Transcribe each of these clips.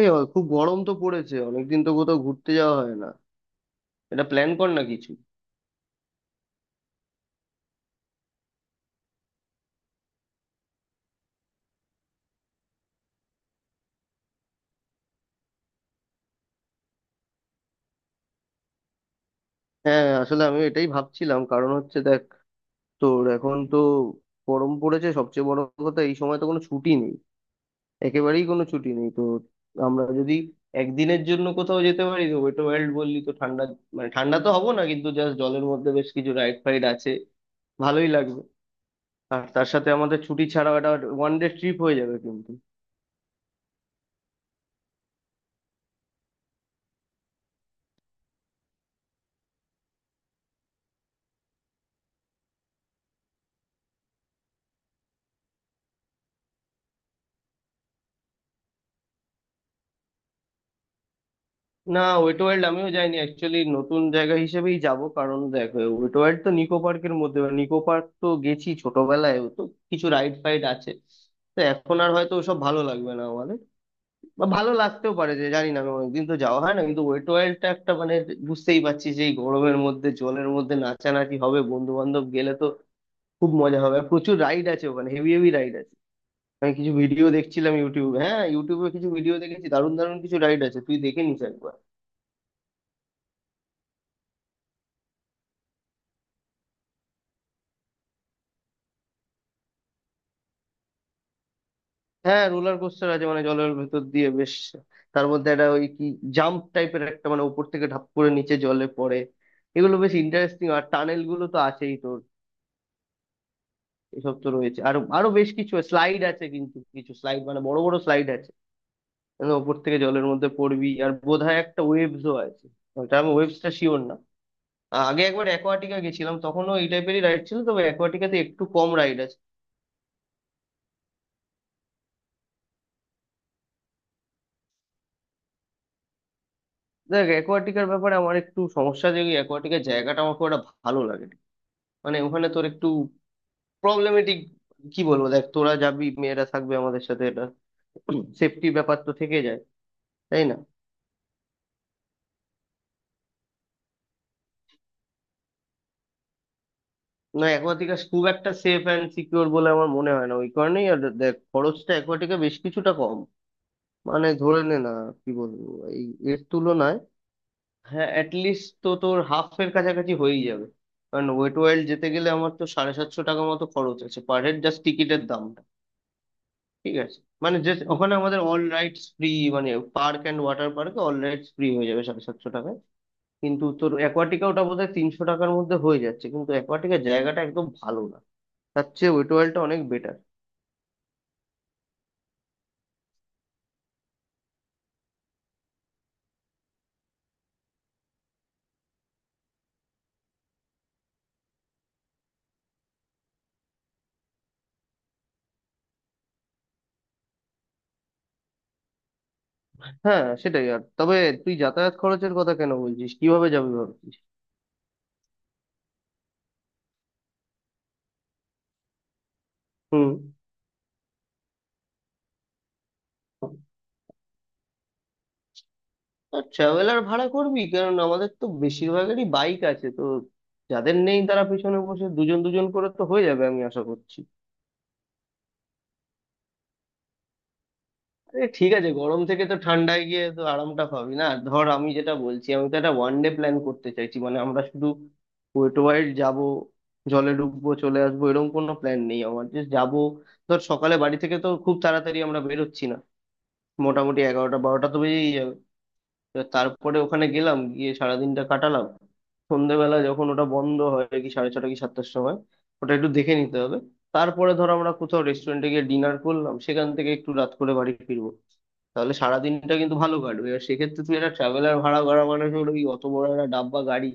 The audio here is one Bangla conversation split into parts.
এই খুব গরম তো পড়েছে, অনেকদিন তো কোথাও ঘুরতে যাওয়া হয় না। এটা প্ল্যান কর না কিছু। হ্যাঁ, আসলে আমি এটাই ভাবছিলাম, কারণ হচ্ছে দেখ তোর এখন তো গরম পড়েছে, সবচেয়ে বড় কথা এই সময় তো কোনো ছুটি নেই, একেবারেই কোনো ছুটি নেই। তো আমরা যদি একদিনের জন্য কোথাও যেতে পারি, তো ওয়েট ওয়ার্ল্ড বললি, তো ঠান্ডা মানে ঠান্ডা তো হবো না, কিন্তু জাস্ট জলের মধ্যে বেশ কিছু রাইড ফাইড আছে, ভালোই লাগবে। আর তার সাথে আমাদের ছুটি ছাড়াও একটা ওয়ান ডে ট্রিপ হয়ে যাবে কিন্তু। না, ওয়েট ওয়ার্ল্ড আমিও যাইনি অ্যাকচুয়ালি, নতুন জায়গা হিসেবেই যাব। কারণ দেখো ওয়েট ওয়ার্ল্ড তো নিকো পার্কের মধ্যে, নিকো পার্ক তো গেছি ছোটবেলায়, ও তো কিছু রাইড ফাইড আছে। তো এখন আর হয়তো ওসব ভালো লাগবে না আমাদের, বা ভালো লাগতেও পারে, যে জানি না, আমি অনেকদিন তো যাওয়া হয় না। কিন্তু ওয়েট ওয়ার্ল্ডটা একটা মানে বুঝতেই পারছি যে এই গরমের মধ্যে জলের মধ্যে নাচানাচি হবে, বন্ধু বান্ধব গেলে তো খুব মজা হবে। আর প্রচুর রাইড আছে ওখানে, হেভি হেভি রাইড আছে। আমি কিছু ভিডিও দেখছিলাম ইউটিউবে, হ্যাঁ ইউটিউবে কিছু ভিডিও দেখেছি, দারুণ দারুণ কিছু রাইড আছে, তুই দেখে নিস একবার। হ্যাঁ, রোলার কোস্টার আছে মানে জলের ভেতর দিয়ে বেশ। তার মধ্যে একটা ওই কি জাম্প টাইপের একটা, মানে উপর থেকে ঢাপ করে নিচে জলে পড়ে, এগুলো বেশ ইন্টারেস্টিং। আর টানেল গুলো তো আছেই তোর। এসব তো রয়েছে, আর আরো বেশ কিছু স্লাইড আছে, কিন্তু কিছু স্লাইড মানে বড় বড় স্লাইড আছে, মানে উপর থেকে জলের মধ্যে পড়বি। আর বোধহয় একটা ওয়েবসও আছে, ওটা আমি ওয়েবসটা শিওর না। আগে একবার অ্যাকোয়াটিকা গেছিলাম, তখনও এই টাইপেরই রাইড ছিল, তবে অ্যাকোয়াটিকাতে একটু কম রাইড আছে। দেখ অ্যাকোয়াটিকার ব্যাপারে আমার একটু সমস্যা, যে অ্যাকোয়াটিকার জায়গাটা আমার খুব একটা ভালো লাগে না। মানে ওখানে তোর একটু প্রবলেমেটিক, কি বলবো, দেখ তোরা যাবি, মেয়েরা থাকবে আমাদের সাথে, এটা সেফটি ব্যাপার তো থেকে যায়, তাই না। না, অ্যাকোয়াটিকা খুব একটা সেফ অ্যান্ড সিকিউর বলে আমার মনে হয় না, ওই কারণেই। আর দেখ খরচটা অ্যাকোয়াটিকা বেশ কিছুটা কম, মানে ধরে নে না, কি বলবো, এই, এর তুলনায় হ্যাঁ অ্যাটলিস্ট তো তোর হাফ এর কাছাকাছি হয়েই যাবে। কারণ ওয়েট ওয়াইল্ড যেতে গেলে আমার তো 750 টাকা মতো খরচ আছে পার হেড, জাস্ট টিকিটের দাম। ঠিক আছে, মানে যে ওখানে আমাদের অল রাইটস ফ্রি, মানে পার্ক অ্যান্ড ওয়াটার পার্কে অল রাইটস ফ্রি হয়ে যাবে 750 টাকায়। কিন্তু তোর অ্যাকোয়াটিকা ওটা বোধহয় 300 টাকার মধ্যে হয়ে যাচ্ছে, কিন্তু অ্যাকোয়াটিকার জায়গাটা একদম ভালো না, তার চেয়ে ওয়েট ওয়ার্ল্ডটা অনেক বেটার। হ্যাঁ সেটাই। আর তবে তুই যাতায়াত খরচের কথা কেন বলছিস, কিভাবে যাবি ভাবছিস? হুম। ট্রাভেলার ভাড়া করবি? কারণ আমাদের তো বেশিরভাগেরই বাইক আছে তো, যাদের নেই তারা পিছনে বসে দুজন দুজন করে তো হয়ে যাবে, আমি আশা করছি। এ ঠিক আছে, গরম থেকে তো ঠান্ডায় গিয়ে তো আরামটা পাবি না। আর ধর আমি যেটা বলছি, আমি তো একটা ওয়ান ডে প্ল্যান করতে চাইছি, মানে আমরা শুধু ওয়েট ওয়াইড যাব, জলে ডুববো চলে আসবো, এরকম কোনো প্ল্যান নেই আমার যে যাবো। ধর সকালে বাড়ি থেকে তো খুব তাড়াতাড়ি আমরা বেরোচ্ছি না, মোটামুটি 11টা 12টা তো বেজেই যাবে। এবার তারপরে ওখানে গেলাম, গিয়ে সারাদিনটা কাটালাম, সন্ধেবেলা যখন ওটা বন্ধ হয় কি 6:30 কি 7টার সময়, ওটা একটু দেখে নিতে হবে। তারপরে ধরো আমরা কোথাও রেস্টুরেন্টে গিয়ে ডিনার করলাম, সেখান থেকে একটু রাত করে বাড়ি ফিরবো, তাহলে সারাদিনটা কিন্তু ভালো কাটবে। এবার সেক্ষেত্রে তুই একটা ট্রাভেলার ভাড়া করা মানে হলো ওই অত বড় একটা ডাব্বা গাড়ি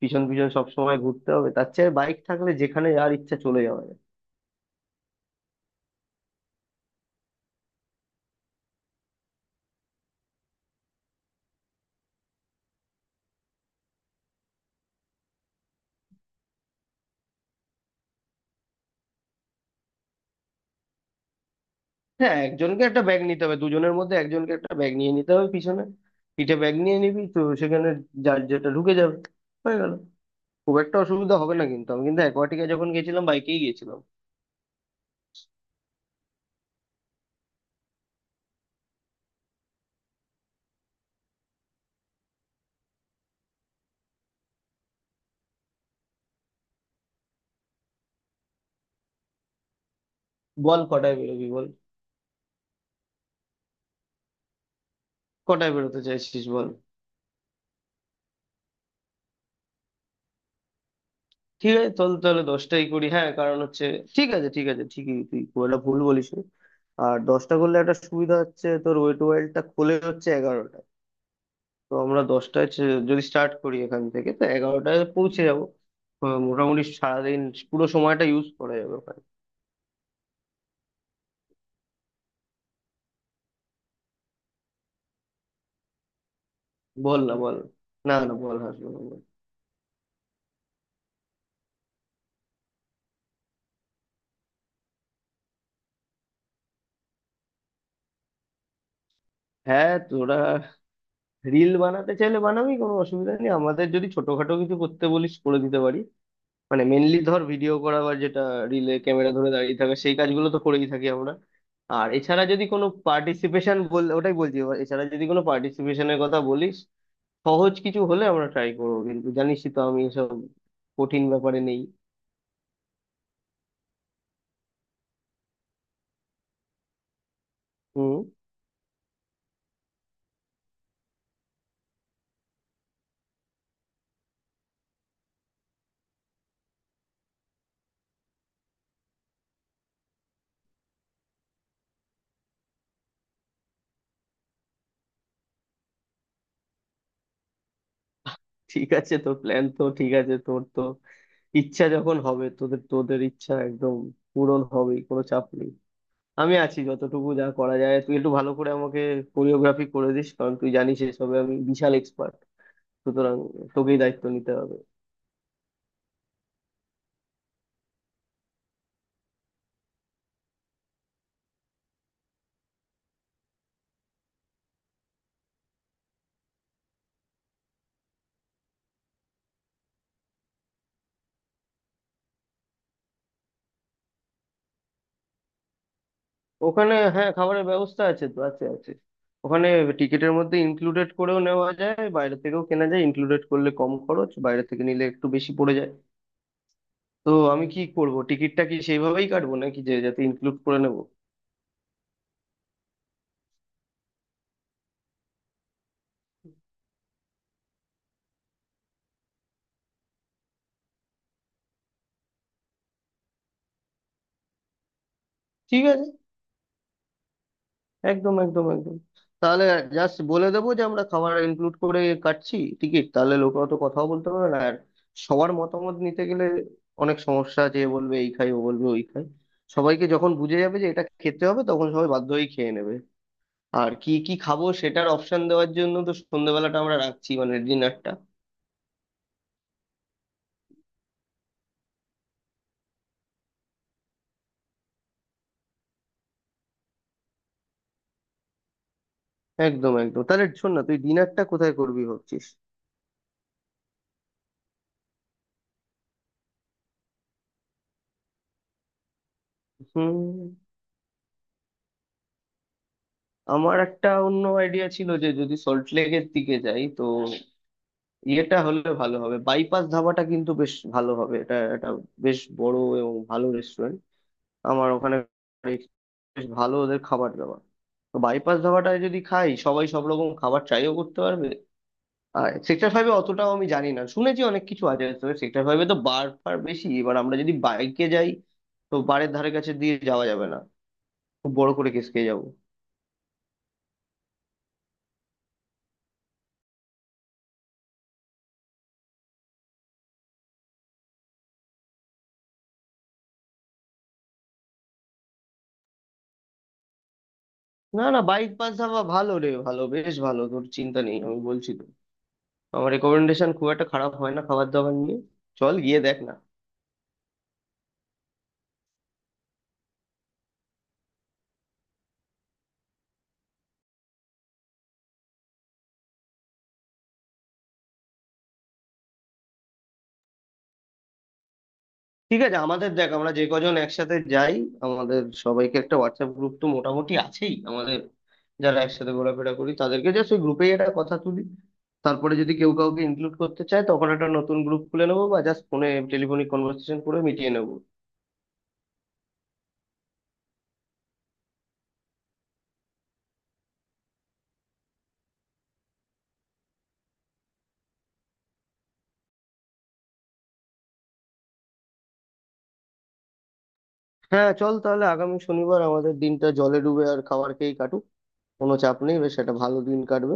পিছন পিছন সব সময় ঘুরতে হবে, তার চেয়ে বাইক থাকলে যেখানে যার ইচ্ছা চলে যাওয়া যায়। হ্যাঁ, একজনকে একটা ব্যাগ নিতে হবে, দুজনের মধ্যে একজনকে একটা ব্যাগ নিয়ে নিতে হবে পিছনে, পিঠে ব্যাগ নিয়ে নিবি, তো সেখানে যার যেটা ঢুকে যাবে, হয়ে গেল। খুব একটা অসুবিধা হবে না। কিন্তু আমি কিন্তু অ্যাকোয়াটিকা যখন গেছিলাম বাইকেই গেছিলাম। বল কটায় বেরোবি বল, কটায় বেরোতে চাইছিস বল। ঠিক আছে, চল তাহলে 10টাই করি, হ্যাঁ কারণ হচ্ছে ঠিক আছে ঠিক আছে, ঠিকই তুই খুব একটা ভুল বলিস নি। আর 10টা করলে একটা সুবিধা হচ্ছে, তোর ওয়েট ওয়াইল্ডটা খোলে হচ্ছে 11টায়, তো আমরা 10টায় যদি স্টার্ট করি এখান থেকে, তো 11টায় পৌঁছে যাবো। মোটামুটি সারাদিন পুরো সময়টা ইউজ করা যাবে ওখানে। বল না বল, না না বল, হাসবো না বল। হ্যাঁ, তোরা রিল বানাতে চাইলে বানাবি, কোনো অসুবিধা নেই, আমাদের যদি ছোটখাটো কিছু করতে বলিস করে দিতে পারি। মানে মেনলি ধর ভিডিও করা বা যেটা রিলে ক্যামেরা ধরে দাঁড়িয়ে থাকা, সেই কাজগুলো তো করেই থাকি আমরা। আর এছাড়া যদি কোনো পার্টিসিপেশন বল, ওটাই বলছি, এবার এছাড়া যদি কোনো পার্টিসিপেশনের কথা বলিস, সহজ কিছু হলে আমরা ট্রাই করবো, কিন্তু জানিসই তো আমি এসব কঠিন ব্যাপারে নেই। হুম। ঠিক আছে তোর প্ল্যান তো ঠিক আছে, তোর তো ইচ্ছা যখন হবে, তোদের তোদের ইচ্ছা একদম পূরণ হবেই, কোনো চাপ নেই। আমি আছি, যতটুকু যা করা যায়। তুই একটু ভালো করে আমাকে কোরিওগ্রাফি করে দিস, কারণ তুই জানিস এসবে আমি বিশাল এক্সপার্ট, সুতরাং তোকেই দায়িত্ব নিতে হবে। ওখানে হ্যাঁ খাবারের ব্যবস্থা আছে, তো আছে আছে। ওখানে টিকিটের মধ্যে ইনক্লুডেড করেও নেওয়া যায়, বাইরে থেকেও কেনা যায়, ইনক্লুডেড করলে কম খরচ, বাইরে থেকে নিলে একটু বেশি পড়ে যায়। তো আমি কি করব, টিকিটটা কি সেইভাবেই কাটবো নাকি, যে যাতে ইনক্লুড করে নেব? ঠিক আছে, একদম একদম একদম। তাহলে জাস্ট বলে দেবো যে আমরা খাবার ইনক্লুড করে কাটছি টিকিট, তাহলে লোক অত কথাও বলতে পারবে না আর। সবার মতামত নিতে গেলে অনেক সমস্যা আছে, এ বলবে এই খাই, ও বলবে ওই খাই, সবাইকে যখন বুঝে যাবে যে এটা খেতে হবে, তখন সবাই বাধ্য হয়েই খেয়ে নেবে। আর কি কি খাবো সেটার অপশন দেওয়ার জন্য তো সন্ধ্যেবেলাটা আমরা রাখছি, মানে ডিনারটা। একদম একদম। তাহলে শোন না, তুই ডিনারটা কোথায় করবি ভাবছিস? হুম, আমার একটা অন্য আইডিয়া ছিল, যে যদি সল্ট লেকের দিকে যাই, তো ইয়েটা হলে ভালো হবে, বাইপাস ধাবাটা কিন্তু বেশ ভালো হবে, এটা একটা বেশ বড় এবং ভালো রেস্টুরেন্ট। আমার ওখানে বেশ ভালো ওদের খাবার দাবার, তো বাইপাস ধাবাটায় যদি খাই, সবাই সব রকম খাবার ট্রাইও করতে পারবে। আর সেক্টর ফাইভে অতটাও আমি জানি না, শুনেছি অনেক কিছু আছে, তবে সেক্টর ফাইভে তো বার ফার বেশি, এবার আমরা যদি বাইকে যাই, তো বারের ধারে কাছে দিয়ে যাওয়া যাবে না, খুব বড় করে কেস খেয়ে যাবো। না না বাইক পাস ধাবা ভালো রে, ভালো বেশ ভালো, তোর চিন্তা নেই, আমি বলছি তো। আমার রেকমেন্ডেশন খুব একটা খারাপ হয় না খাবার দাবার নিয়ে, চল গিয়ে দেখ না। ঠিক আছে, আমাদের দেখ আমরা যে কজন একসাথে যাই, আমাদের সবাইকে একটা হোয়াটসঅ্যাপ গ্রুপ তো মোটামুটি আছেই আমাদের, যারা একসাথে ঘোরাফেরা করি, তাদেরকে জাস্ট ওই গ্রুপেই একটা কথা তুলি। তারপরে যদি কেউ কাউকে ইনক্লুড করতে চায়, তখন একটা নতুন গ্রুপ খুলে নেবো, বা জাস্ট ফোনে টেলিফোনিক কনভারসেশন করে মিটিয়ে নেবো। হ্যাঁ চল তাহলে আগামী শনিবার আমাদের দিনটা জলে ডুবে আর খাবার খেয়েই কাটুক, কোনো চাপ নেই, বেশ একটা ভালো দিন কাটবে।